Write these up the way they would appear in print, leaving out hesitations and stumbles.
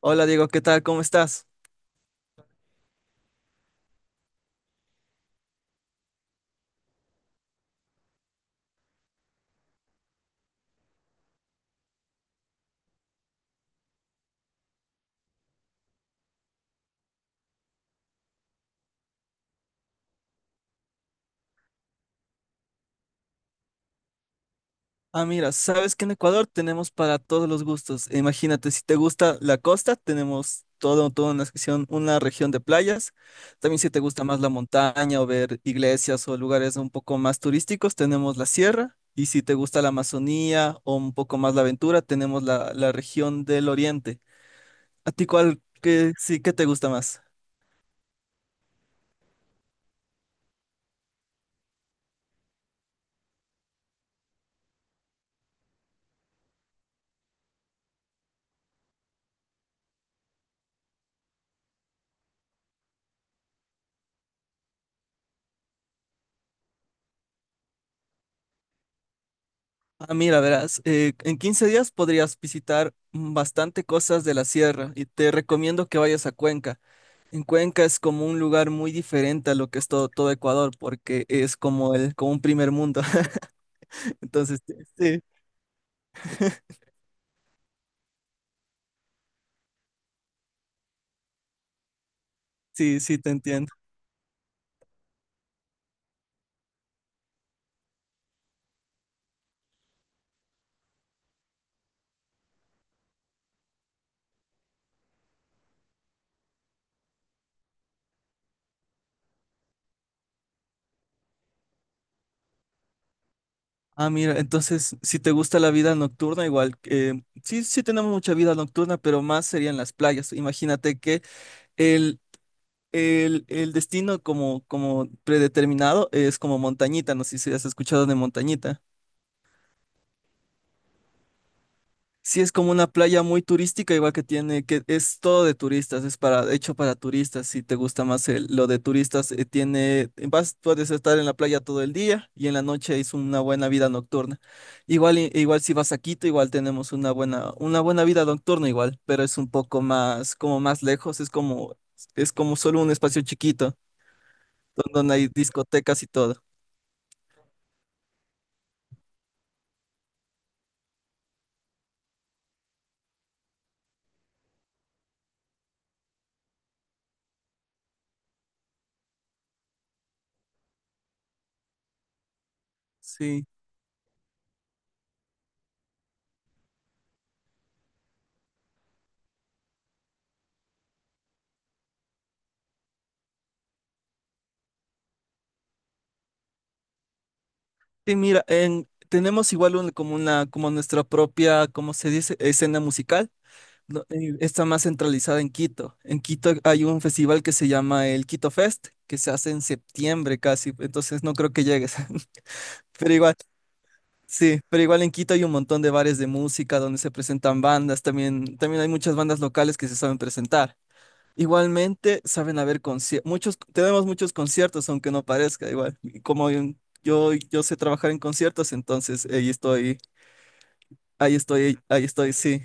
Hola Diego, ¿qué tal? ¿Cómo estás? Ah, mira, sabes que en Ecuador tenemos para todos los gustos. E imagínate, si te gusta la costa, tenemos todo, toda una sección, una región de playas. También si te gusta más la montaña o ver iglesias o lugares un poco más turísticos, tenemos la sierra. Y si te gusta la Amazonía o un poco más la aventura, tenemos la región del oriente. ¿A ti cuál, qué, sí, qué te gusta más? Ah, mira, verás, en 15 días podrías visitar bastante cosas de la sierra y te recomiendo que vayas a Cuenca. En Cuenca es como un lugar muy diferente a lo que es todo, todo Ecuador, porque es como como un primer mundo. Entonces, sí, sí, te entiendo. Ah, mira, entonces, si te gusta la vida nocturna, igual, sí, sí tenemos mucha vida nocturna, pero más serían las playas. Imagínate que el, el destino como, como predeterminado es como Montañita, no sé si has escuchado de Montañita. Sí, es como una playa muy turística, igual que tiene, que es todo de turistas, es para, hecho para turistas, si te gusta más el- lo de turistas, tiene, vas, puedes estar en la playa todo el día y en la noche es una buena vida nocturna. Igual, i- igual si vas a Quito, igual tenemos una buena vida nocturna igual, pero es un poco más, como más lejos, es como solo un espacio chiquito, don- donde hay discotecas y todo. Sí. Sí, mira, en, tenemos igual un- como una, como nuestra propia, ¿cómo se dice? Escena musical. No, está más centralizada en Quito. En Quito hay un festival que se llama el Quito Fest, que se hace en septiembre casi, entonces no creo que llegues. Pero igual, sí, pero igual en Quito hay un montón de bares de música donde se presentan bandas, también, también hay muchas bandas locales que se saben presentar. Igualmente, saben haber conciertos, muchos, tenemos muchos conciertos, aunque no parezca, igual. Y como en- yo sé trabajar en conciertos, entonces ahí estoy, ahí estoy, sí.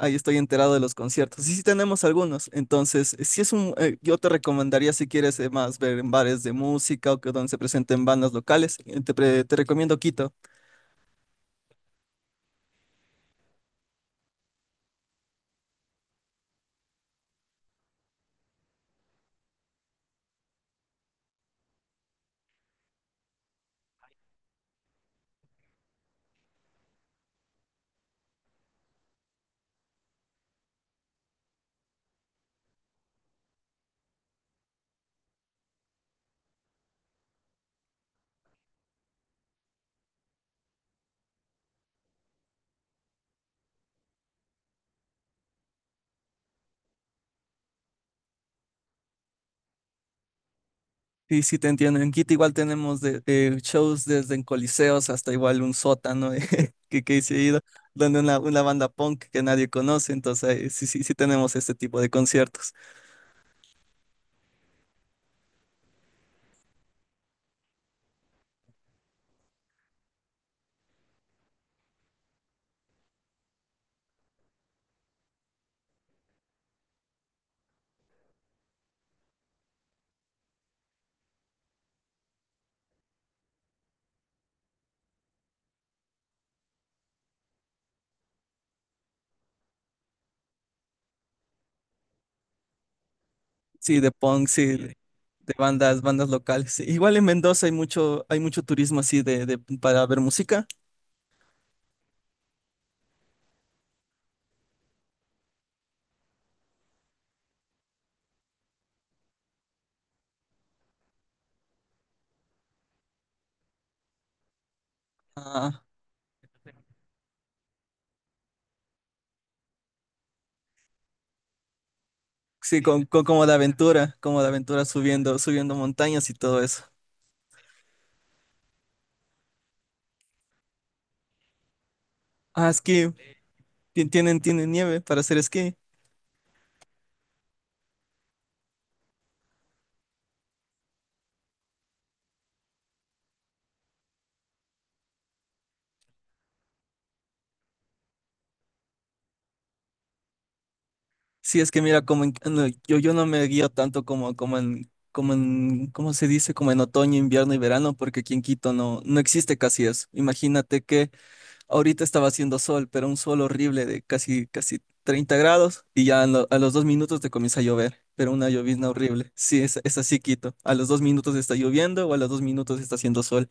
Ahí estoy enterado de los conciertos. Y sí tenemos algunos. Entonces, si es un, yo te recomendaría si quieres más ver en bares de música o que donde se presenten bandas locales, te, pre- te recomiendo Quito. Y si te entiendo, en Quito igual tenemos de, shows desde en coliseos hasta igual un sótano que he ido, donde una banda punk que nadie conoce. Entonces, sí, sí tenemos este tipo de conciertos. Sí, de punk, sí, de bandas, bandas locales. Sí, igual en Mendoza hay mucho turismo así de- para ver música. Ah, sí, con- como de aventura subiendo, subiendo montañas y todo eso. Ah, esquí, ti- tienen, tienen nieve para hacer esquí. Sí, es que mira, como en- no, yo no me guío tanto como, como en, como en, ¿cómo se dice? Como en otoño, invierno y verano, porque aquí en Quito no, no existe casi eso. Imagínate que ahorita estaba haciendo sol, pero un sol horrible de casi, casi 30 grados y ya a, lo- a los 2 minutos te comienza a llover. Pero una llovizna horrible. Sí, es así, Quito. A los 2 minutos está lloviendo o a los 2 minutos está haciendo sol.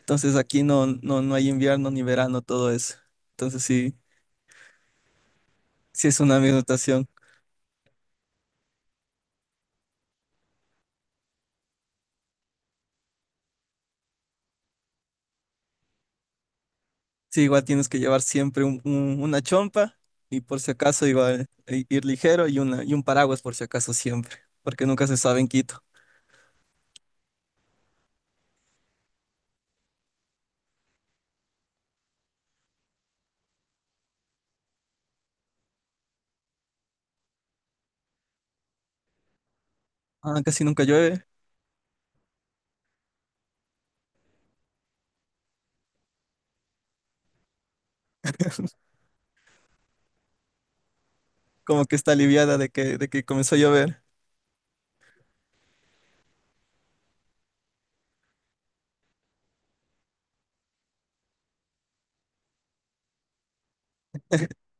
Entonces aquí no, no hay invierno ni verano, todo eso. Entonces sí, sí es una minotación. Sí, igual tienes que llevar siempre un- una chompa y por si acaso igual i- ir ligero y, una, y un paraguas por si acaso siempre, porque nunca se sabe en Quito. Ah, casi nunca llueve, como que está aliviada de que comenzó a llover.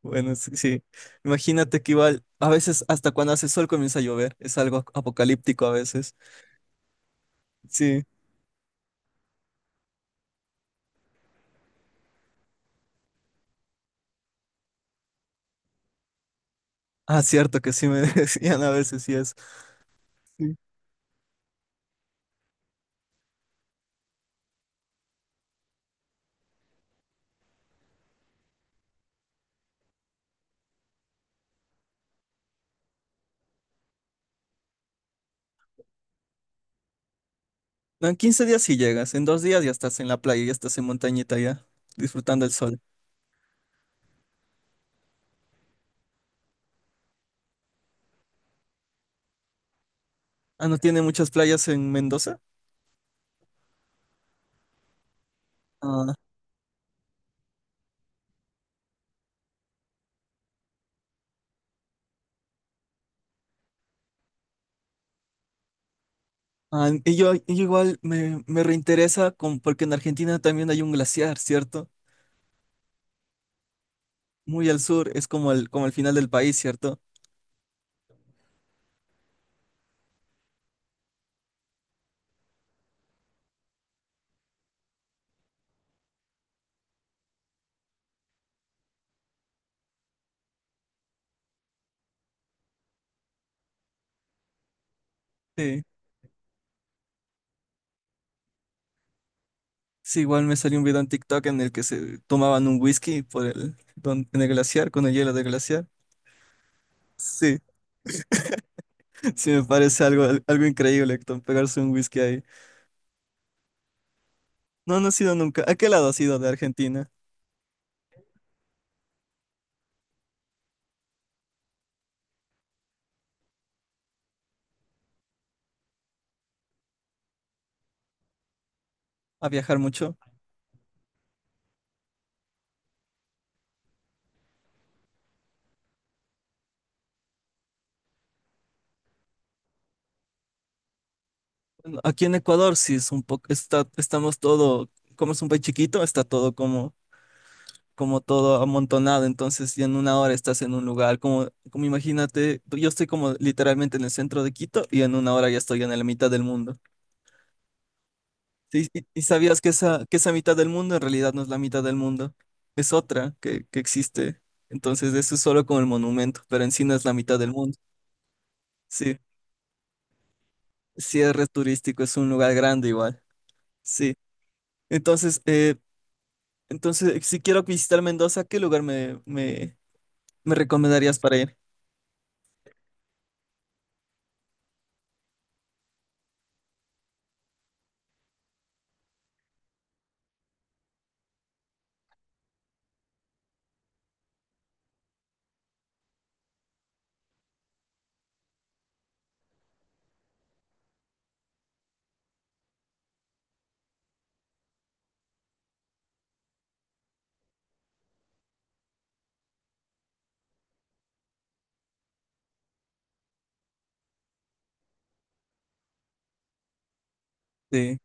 Bueno, sí, sí. Imagínate que igual a veces hasta cuando hace sol comienza a llover, es algo apocalíptico a veces. Sí, ah, cierto que sí me decían a veces, sí es. Sí. No, en 15 días sí llegas, en 2 días ya estás en la playa, ya estás en montañita ya, disfrutando el sol. Ah, ¿no tiene muchas playas en Mendoza? Ah, ah, y yo igual me, me reinteresa con- porque en Argentina también hay un glaciar, ¿cierto? Muy al sur, es como el final del país, ¿cierto? Sí. Sí, igual me salió un video en TikTok en el que se tomaban un whisky por el, don- en el glaciar, con el hielo del glaciar. Sí, sí me parece algo, algo increíble, Héctor, pegarse un whisky ahí. No, no he sido nunca. ¿A qué lado has ido de Argentina? ¿A viajar mucho? Aquí en Ecuador sí es un poco, está, estamos todo, como es un país chiquito, está todo como, como todo amontonado, entonces ya en una hora estás en un lugar, como, como imagínate, yo estoy como literalmente en el centro de Quito y en una hora ya estoy en la mitad del mundo. Sí, y sabías que esa mitad del mundo en realidad no es la mitad del mundo, es otra que existe, entonces eso es solo como el monumento, pero en sí no es la mitad del mundo, sí, sí es re turístico, es un lugar grande igual, sí. Entonces, entonces, si quiero visitar Mendoza, ¿qué lugar me, me recomendarías para ir? Sí.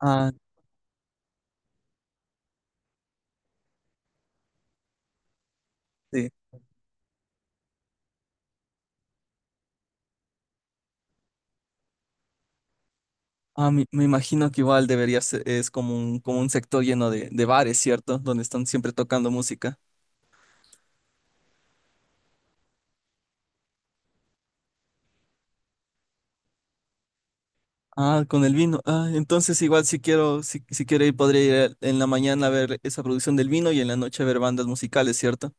Ah, sí. Ah, me imagino que igual debería ser, es como un sector lleno de bares, ¿cierto? Donde están siempre tocando música. Ah, con el vino. Ah, entonces igual si quiero, si, si quiero ir, podría ir en la mañana a ver esa producción del vino y en la noche a ver bandas musicales, ¿cierto?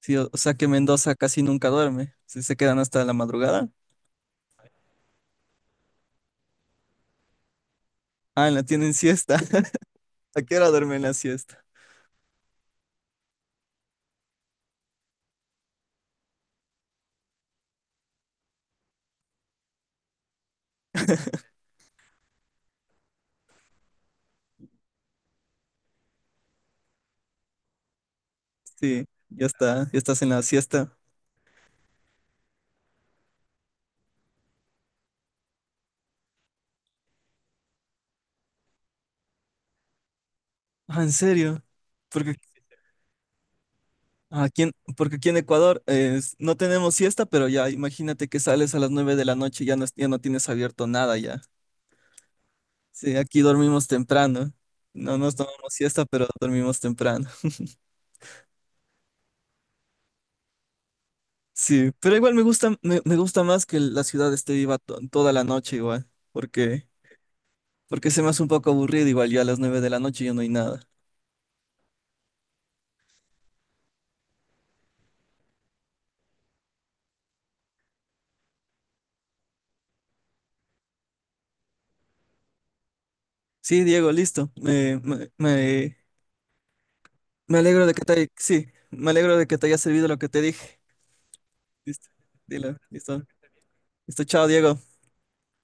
Sí, o sea que Mendoza casi nunca duerme. Sí, se quedan hasta la madrugada. Ah, la tienen siesta. ¿A qué hora duermen la siesta? Sí, ya está, ya estás en la siesta. Ah, ¿en serio? Porque ah, aquí en, porque aquí en Ecuador es- no tenemos siesta, pero ya imagínate que sales a las 9 de la noche y ya no, ya no tienes abierto nada ya. Sí, aquí dormimos temprano. No nos tomamos siesta, pero dormimos temprano. Sí, pero igual me gusta, me gusta más que la ciudad esté viva to- toda la noche igual, porque, porque se me hace un poco aburrido igual ya a las 9 de la noche ya no hay nada. Sí, Diego, listo. Me, me alegro de que te, sí, me alegro de que te haya servido lo que te dije. Listo, dilo, listo. Listo, chao, Diego.